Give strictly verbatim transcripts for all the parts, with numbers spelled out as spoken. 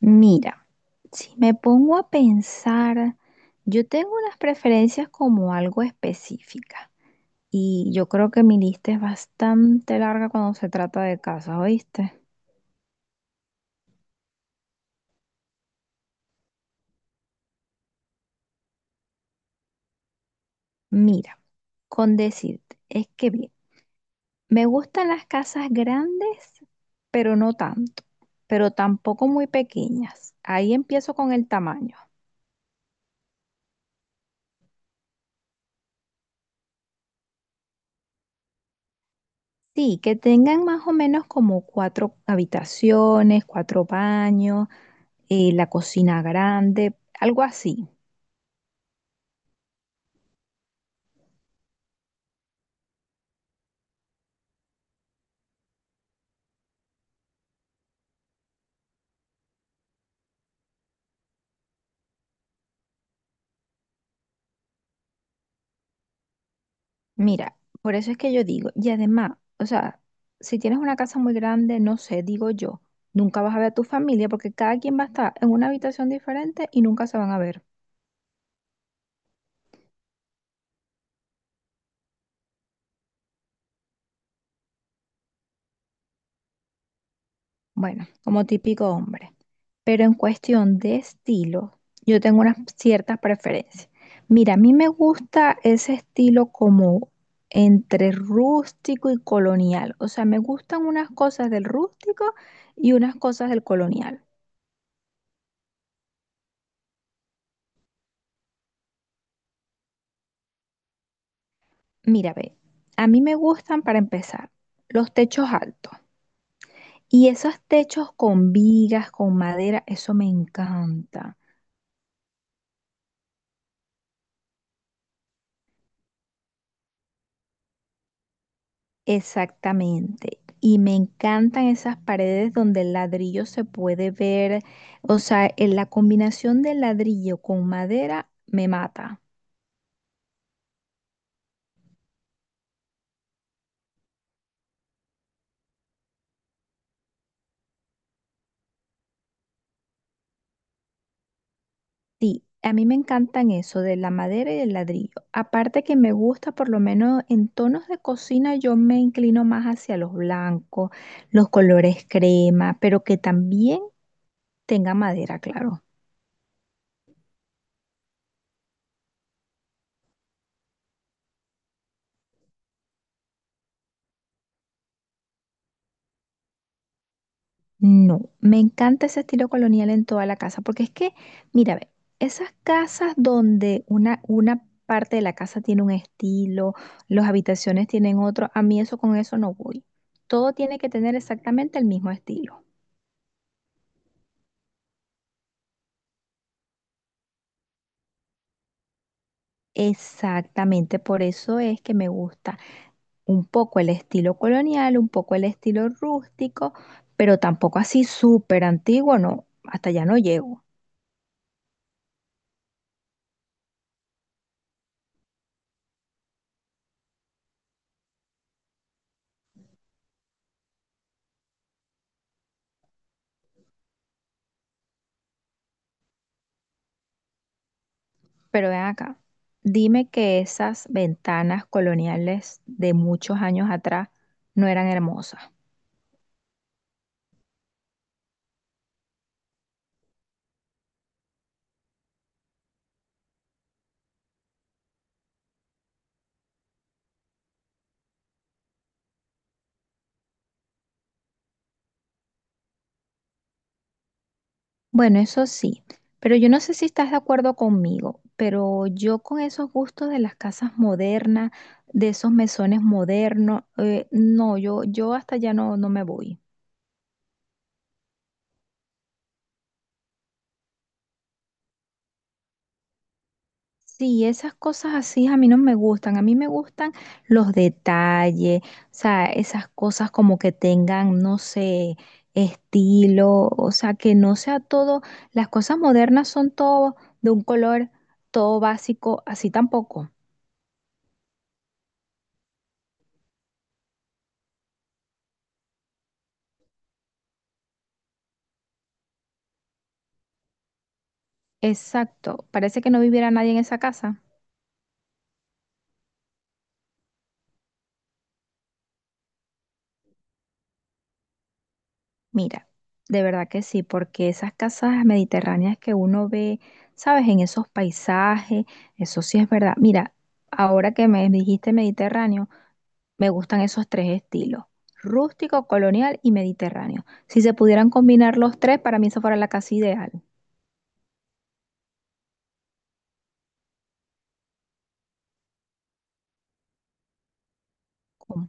Mira, si me pongo a pensar, yo tengo unas preferencias como algo específicas y yo creo que mi lista es bastante larga cuando se trata de casas, ¿oíste? Mira, con decirte, es que bien, me gustan las casas grandes, pero no tanto, pero tampoco muy pequeñas. Ahí empiezo con el tamaño. Sí, que tengan más o menos como cuatro habitaciones, cuatro baños, eh, la cocina grande, algo así. Mira, por eso es que yo digo, y además, o sea, si tienes una casa muy grande, no sé, digo yo, nunca vas a ver a tu familia porque cada quien va a estar en una habitación diferente y nunca se van a ver. Bueno, como típico hombre. Pero en cuestión de estilo, yo tengo unas ciertas preferencias. Mira, a mí me gusta ese estilo como entre rústico y colonial. O sea, me gustan unas cosas del rústico y unas cosas del colonial. Mira, ve, a mí me gustan para empezar los techos altos y esos techos con vigas, con madera, eso me encanta. Exactamente. Y me encantan esas paredes donde el ladrillo se puede ver, o sea, en la combinación del ladrillo con madera me mata. Sí, a mí me encantan eso de la madera y el ladrillo. Aparte que me gusta, por lo menos en tonos de cocina, yo me inclino más hacia los blancos, los colores crema, pero que también tenga madera, claro. No, me encanta ese estilo colonial en toda la casa, porque es que, mira, ve, esas casas donde una, una parte de la casa tiene un estilo, las habitaciones tienen otro, a mí eso con eso no voy. Todo tiene que tener exactamente el mismo estilo. Exactamente, por eso es que me gusta un poco el estilo colonial, un poco el estilo rústico, pero tampoco así súper antiguo, no, hasta allá no llego. Pero ven acá, dime que esas ventanas coloniales de muchos años atrás no eran hermosas. Bueno, eso sí, pero yo no sé si estás de acuerdo conmigo, pero yo con esos gustos de las casas modernas, de esos mesones modernos, eh, no, yo, yo hasta allá no, no me voy. Sí, esas cosas así a mí no me gustan. A mí me gustan los detalles, o sea, esas cosas como que tengan, no sé, estilo, o sea, que no sea todo, las cosas modernas son todo de un color, todo básico, así tampoco. Exacto, parece que no viviera nadie en esa casa. Mira, de verdad que sí, porque esas casas mediterráneas que uno ve, ¿sabes? En esos paisajes, eso sí es verdad. Mira, ahora que me dijiste Mediterráneo. Me gustan esos tres estilos, rústico, colonial y mediterráneo. Si se pudieran combinar los tres, para mí eso fuera la casa ideal. Com-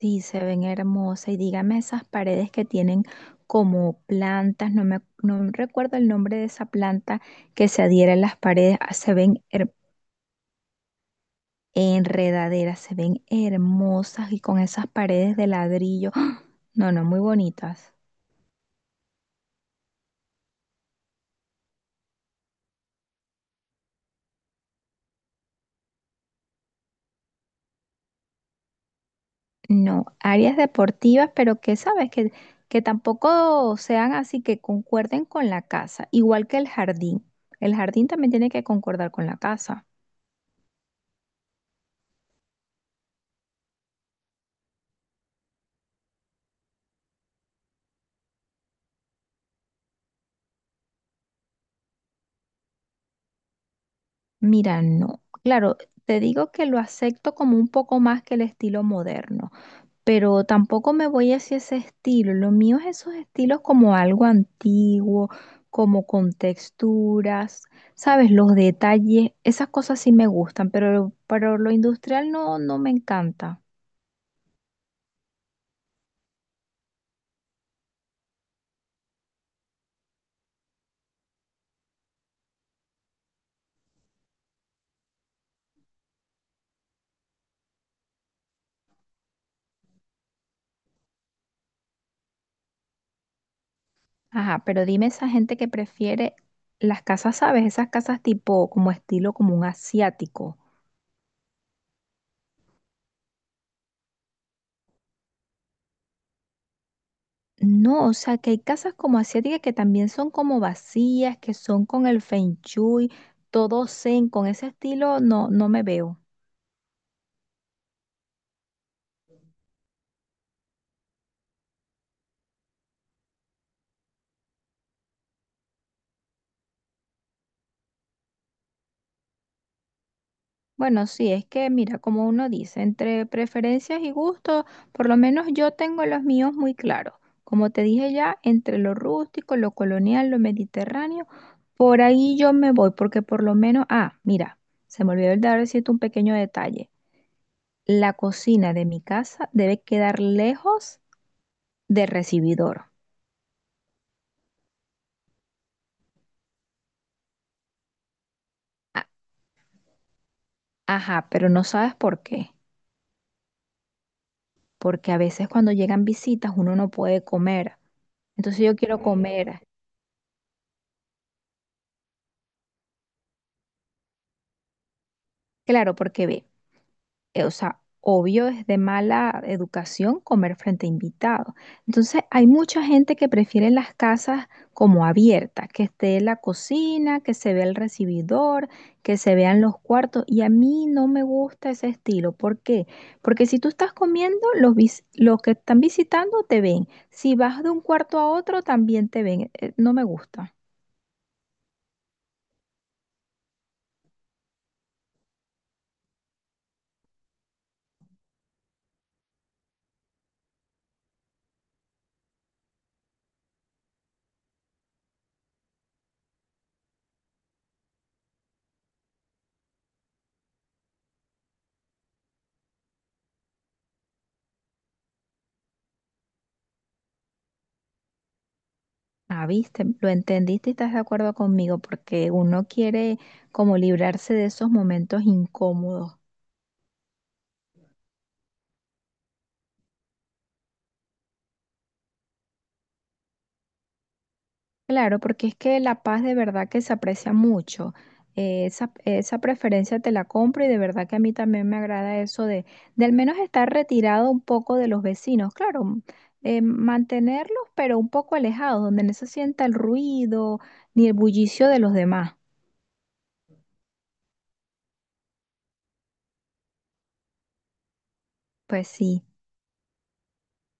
Sí, se ven hermosas y dígame esas paredes que tienen como plantas, no me no recuerdo el nombre de esa planta que se adhiera a las paredes, ah, se ven her- enredaderas, se ven hermosas y con esas paredes de ladrillo. ¡Ah! No, no, muy bonitas. No, áreas deportivas, pero que sabes que, que tampoco sean así que concuerden con la casa, igual que el jardín. El jardín también tiene que concordar con la casa. Mira, no. Claro, te digo que lo acepto como un poco más que el estilo moderno, pero tampoco me voy hacia ese estilo. Lo mío es esos estilos como algo antiguo, como con texturas, sabes, los detalles, esas cosas sí me gustan, pero, pero lo industrial no, no me encanta. Ajá, pero dime esa gente que prefiere las casas, ¿sabes? Esas casas tipo como estilo como un asiático. No, o sea, que hay casas como asiáticas que también son como vacías, que son con el feng shui, todo zen, con ese estilo no, no me veo. Bueno, sí, es que mira, como uno dice, entre preferencias y gustos, por lo menos yo tengo los míos muy claros. Como te dije ya, entre lo rústico, lo colonial, lo mediterráneo, por ahí yo me voy, porque por lo menos, ah, mira, se me olvidó el dar decirte un pequeño detalle. La cocina de mi casa debe quedar lejos del recibidor. A- Ajá, pero no sabes por qué, porque a veces cuando llegan visitas uno no puede comer, entonces yo quiero Mm, comer. Claro, porque ve. Eh, o sea, obvio es de mala educación comer frente a invitados. Entonces, hay mucha gente que prefiere las casas como abiertas, que esté la cocina, que se vea el recibidor, que se vean los cuartos. Y a mí no me gusta ese estilo. ¿Por qué? Porque si tú estás comiendo, los, vis- los que están visitando te ven. Si vas de un cuarto a otro, también te ven. Eh, no me gusta. Ah, viste, lo entendiste y estás de acuerdo conmigo porque uno quiere como librarse de esos momentos incómodos. Claro, porque es que la paz de verdad que se aprecia mucho. Eh, esa, esa preferencia te la compro y de verdad que a mí también me agrada eso de, de al menos estar retirado un poco de los vecinos. Claro, m- eh, mantenerlos, pero un poco alejados, donde no se sienta el ruido ni el bullicio de los demás. Pues sí.